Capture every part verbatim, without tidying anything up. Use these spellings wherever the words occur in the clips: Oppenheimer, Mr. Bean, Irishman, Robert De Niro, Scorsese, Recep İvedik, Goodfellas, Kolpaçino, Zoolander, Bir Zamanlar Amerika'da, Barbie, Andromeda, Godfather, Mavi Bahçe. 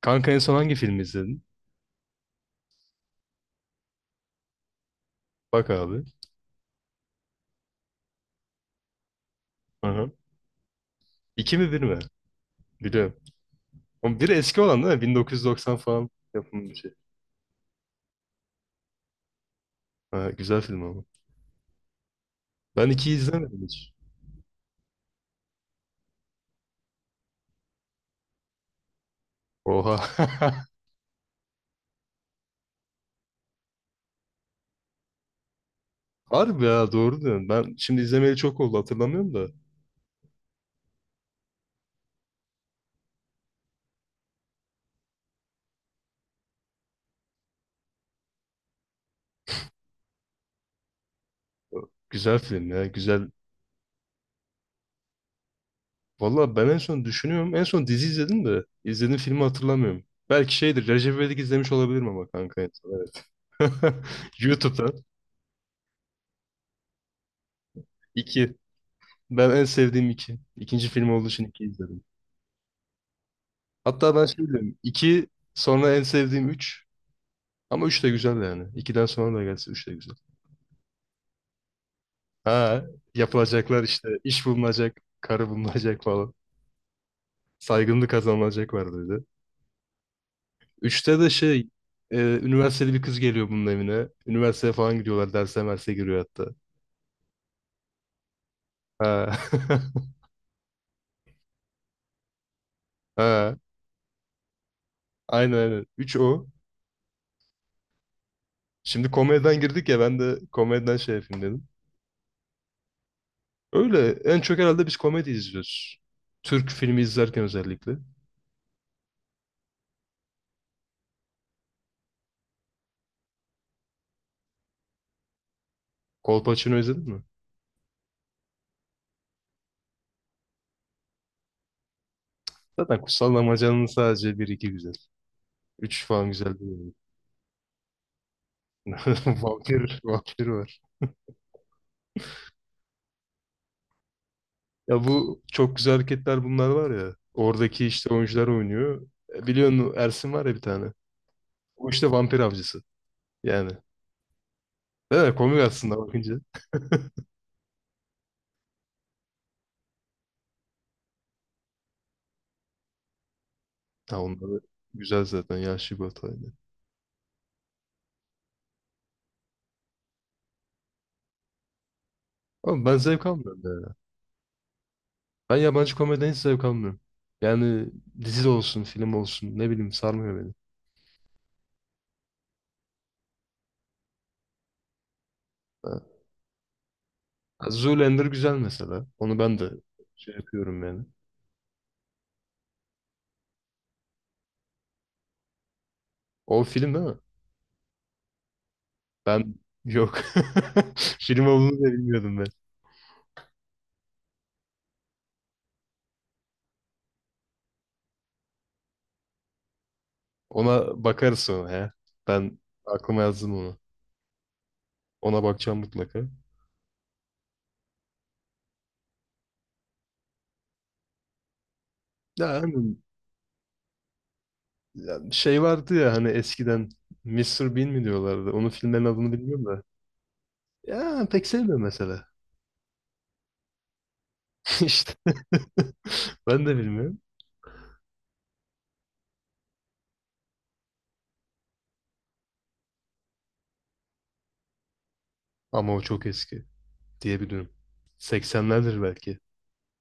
Kanka en son hangi filmi izledin? Bak abi. Aha. İki mi bir mi? Biliyorum. Ama bir eski olan değil mi? bin dokuz yüz doksan falan yapımı bir şey. Ha, güzel film ama. Ben ikiyi izlemedim hiç. Oha. Harbi ya, doğru diyorsun. Ben şimdi izlemeli çok oldu, hatırlamıyorum da. Güzel film ya, güzel. Valla ben en son düşünüyorum. En son dizi izledim de. İzlediğim filmi hatırlamıyorum. Belki şeydir. Recep İvedik izlemiş olabilirim ama kanka. en son, Evet. YouTube'dan. İki. Ben en sevdiğim iki. İkinci film olduğu için iki izledim. Hatta ben şey diyorum. iki sonra en sevdiğim üç. Ama üç de güzel yani. İkiden sonra da gelse üç de güzel. Ha, yapılacaklar işte, iş bulunacak, karı bulunacak falan. Saygınlık kazanılacak var dedi. Üçte de şey, e, üniversiteli bir kız geliyor bunun evine. Üniversiteye falan gidiyorlar. Derse merse giriyor hatta. Ha. Ha. Aynen aynen. üç o. Şimdi komediden girdik ya, ben de komediden şey yapayım dedim. Öyle en çok herhalde biz komedi izliyoruz. Türk filmi izlerken özellikle. Kolpaçino izledin mi? Zaten Kutsal Damacan'ın sadece bir iki güzel. Üç falan güzel değil. Yani. Vampir, vampir var. Ya bu çok güzel hareketler bunlar var ya. Oradaki işte oyuncular oynuyor. E, biliyorsun Ersin var ya bir tane. O işte vampir avcısı. Yani. Değil mi? Komik aslında bakınca. Ha, onlar güzel zaten. Yaşlı bir hataydı. Ama ben zevk almıyorum ya. Ben yabancı komediden hiç zevk almıyorum. Yani dizi de olsun, film olsun. Ne bileyim, sarmıyor beni. Ha. Zoolander güzel mesela. Onu ben de şey yapıyorum yani. O film değil mi? Ben yok. Film olduğunu da bilmiyordum ben. Ona bakarız sonra ya. Ben aklıma yazdım onu. Ona bakacağım mutlaka. Ya, hani, ya şey vardı ya hani eskiden mister Bean mi diyorlardı? Onun filmlerin adını bilmiyorum da. Ya pek sevmiyorum mesela. İşte. Ben de bilmiyorum. Ama o çok eski diyebilirim. seksenlerdir belki.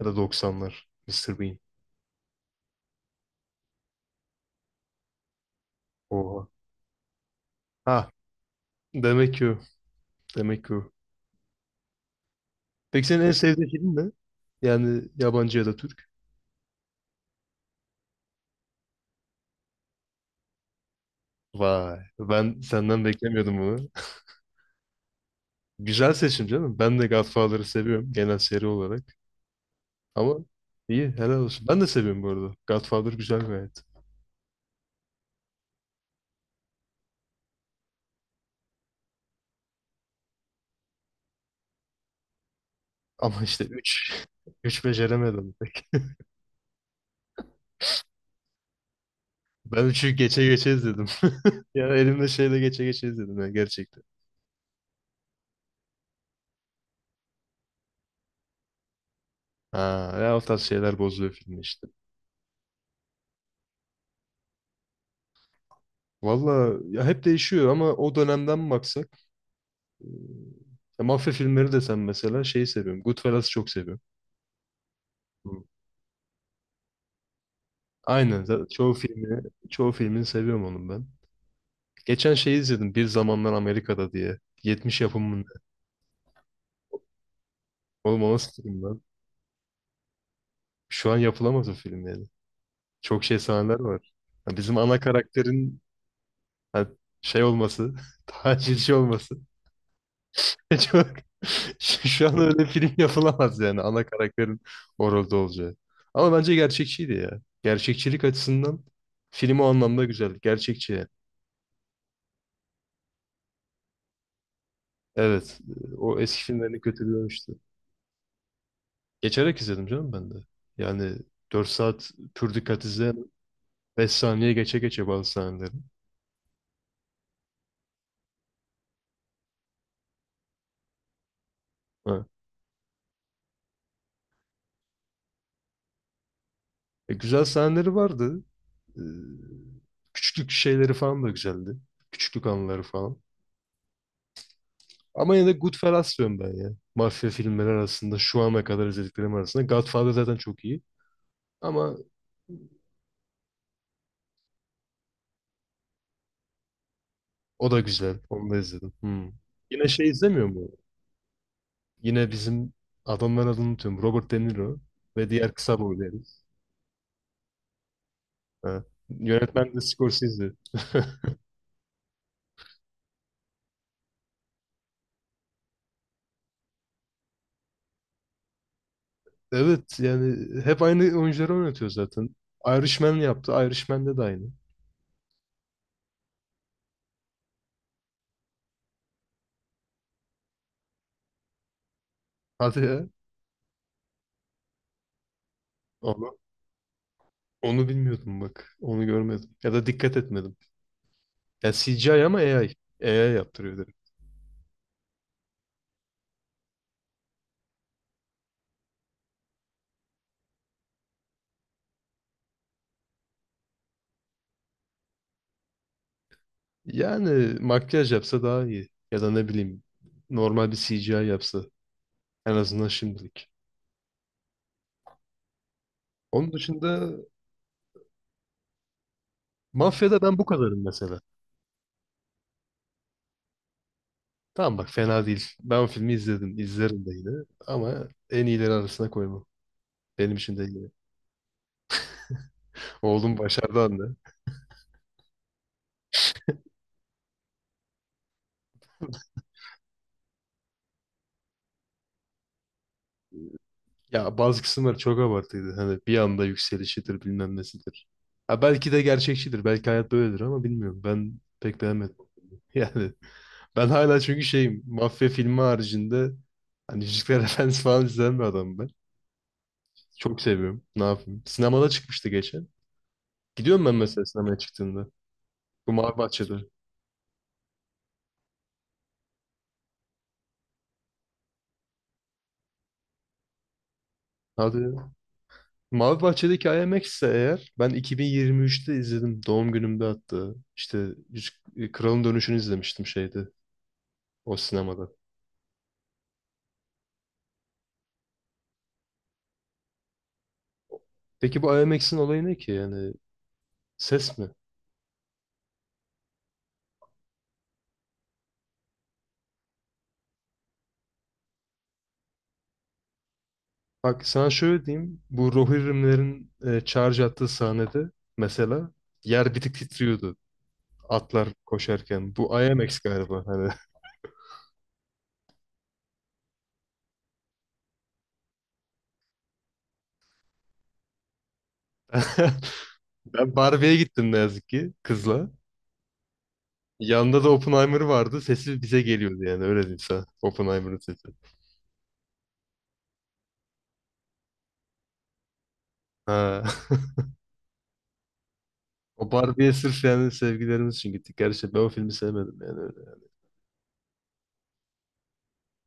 Ya da doksanlar. mister Bean. Oha. Ha. Demek ki o. Demek ki o. Peki senin en sevdiğin film ne? Yani yabancı ya da Türk. Vay, ben senden beklemiyordum bunu. Güzel seçim canım. Ben de Godfather'ı seviyorum genel seri olarak. Ama iyi, helal olsun. Ben de seviyorum bu arada. Godfather güzel gayet. Ama işte üç, üç beceremedim pek. Ben üçü geçe geçe izledim. Ya elimde şeyle geçe geçe izledim ya gerçekten. Ha, ya o tarz şeyler bozuyor filmi işte. Valla ya hep değişiyor ama o dönemden mi? Ya mafya filmleri desem mesela şeyi seviyorum. Goodfellas'ı çok seviyorum. Hı. Aynen. Zaten çoğu filmi, çoğu filmini seviyorum onun ben. Geçen şeyi izledim. Bir Zamanlar Amerika'da diye. yetmiş yapımında. Oğlum o nasıl film lan? Şu an yapılamaz o film yani. Çok şey sahneler var. Ya bizim ana karakterin, ha, şey olması, tacizci olması. Çok... Şu şu an öyle film yapılamaz yani, ana karakterin orada olacağı. Ama bence gerçekçiydi ya. Gerçekçilik açısından film o anlamda güzel. Gerçekçi yani. Evet. e, O eski filmlerini kötülüyormuştu. Geçerek izledim canım ben de. Yani dört saat pür dikkat izleyen beş saniye geçe geçe bazı sahneleri. Ha. E, güzel sahneleri vardı. E, küçüklük şeyleri falan da güzeldi. Küçüklük anıları falan. Ama yine de Goodfellas diyorum ben ya. Mafya filmleri arasında şu ana kadar izlediklerim arasında, Godfather zaten çok iyi. Ama o da güzel. Onu da izledim. Hmm. Yine şey izlemiyor mu? Yine bizim adamların adını unutuyorum. Robert De Niro ve diğer kısa boylu herif. Ha. Yönetmen de Scorsese. Evet yani hep aynı oyuncuları oynatıyor zaten. Irishman yaptı. Irishman'de de aynı. Hadi ya. Ama onu bilmiyordum bak. Onu görmedim. Ya da dikkat etmedim. Ya C G I ama A I. A I yaptırıyor direkt. Yani makyaj yapsa daha iyi. Ya da ne bileyim normal bir C CGI yapsa. En azından şimdilik. Onun dışında Mafya'da ben bu kadarım mesela. Tamam bak, fena değil. Ben o filmi izledim. İzlerim de yine. Ama en iyileri arasına koymam. Benim için de iyi. Oğlum başardı anne. Ya bazı kısımlar çok abartıydı. Hani bir anda yükselişidir bilmem nesidir. Ha, belki de gerçekçidir. Belki hayat böyledir ama bilmiyorum. Ben pek beğenmedim. Yani ben hala çünkü şeyim. Mafya filmi haricinde hani Yüzükler Efendisi falan izleyen bir adamım ben. Çok seviyorum. Ne yapayım? Sinemada çıkmıştı geçen. Gidiyorum ben mesela sinemaya çıktığında. Bu Mavi Bahçe'de. Hadi ya. Mavi Bahçe'deki IMAX ise eğer ben iki bin yirmi üçte izledim. Doğum günümde hatta. İşte Yüzük- Kralın Dönüşü'nü izlemiştim şeyde. O sinemada. Peki bu I M X'in olayı ne ki yani, ses mi? Bak sana şöyle diyeyim, bu Rohirrimlerin e, charge attığı sahnede mesela, yer bir tık titriyordu atlar koşarken. Bu I M X galiba hani. Ben Barbie'ye gittim ne yazık ki kızla. Yanında da Oppenheimer vardı. Sesi bize geliyordu yani, öyle diyeyim sana. Oppenheimer'ın sesi. Ha. O Barbie'ye sırf yani sevgilerimiz için gittik. Gerçi ben o filmi sevmedim yani öyle.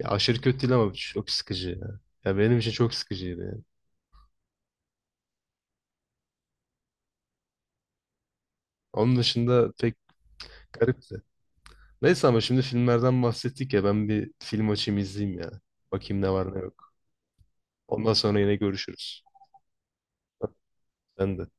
Ya aşırı kötü değil ama çok sıkıcı ya. Ya benim için çok sıkıcıydı yani. Onun dışında pek garipti. Neyse ama şimdi filmlerden bahsettik ya, ben bir film açayım izleyeyim ya. Bakayım ne var ne yok. Ondan sonra yine görüşürüz. Sen de.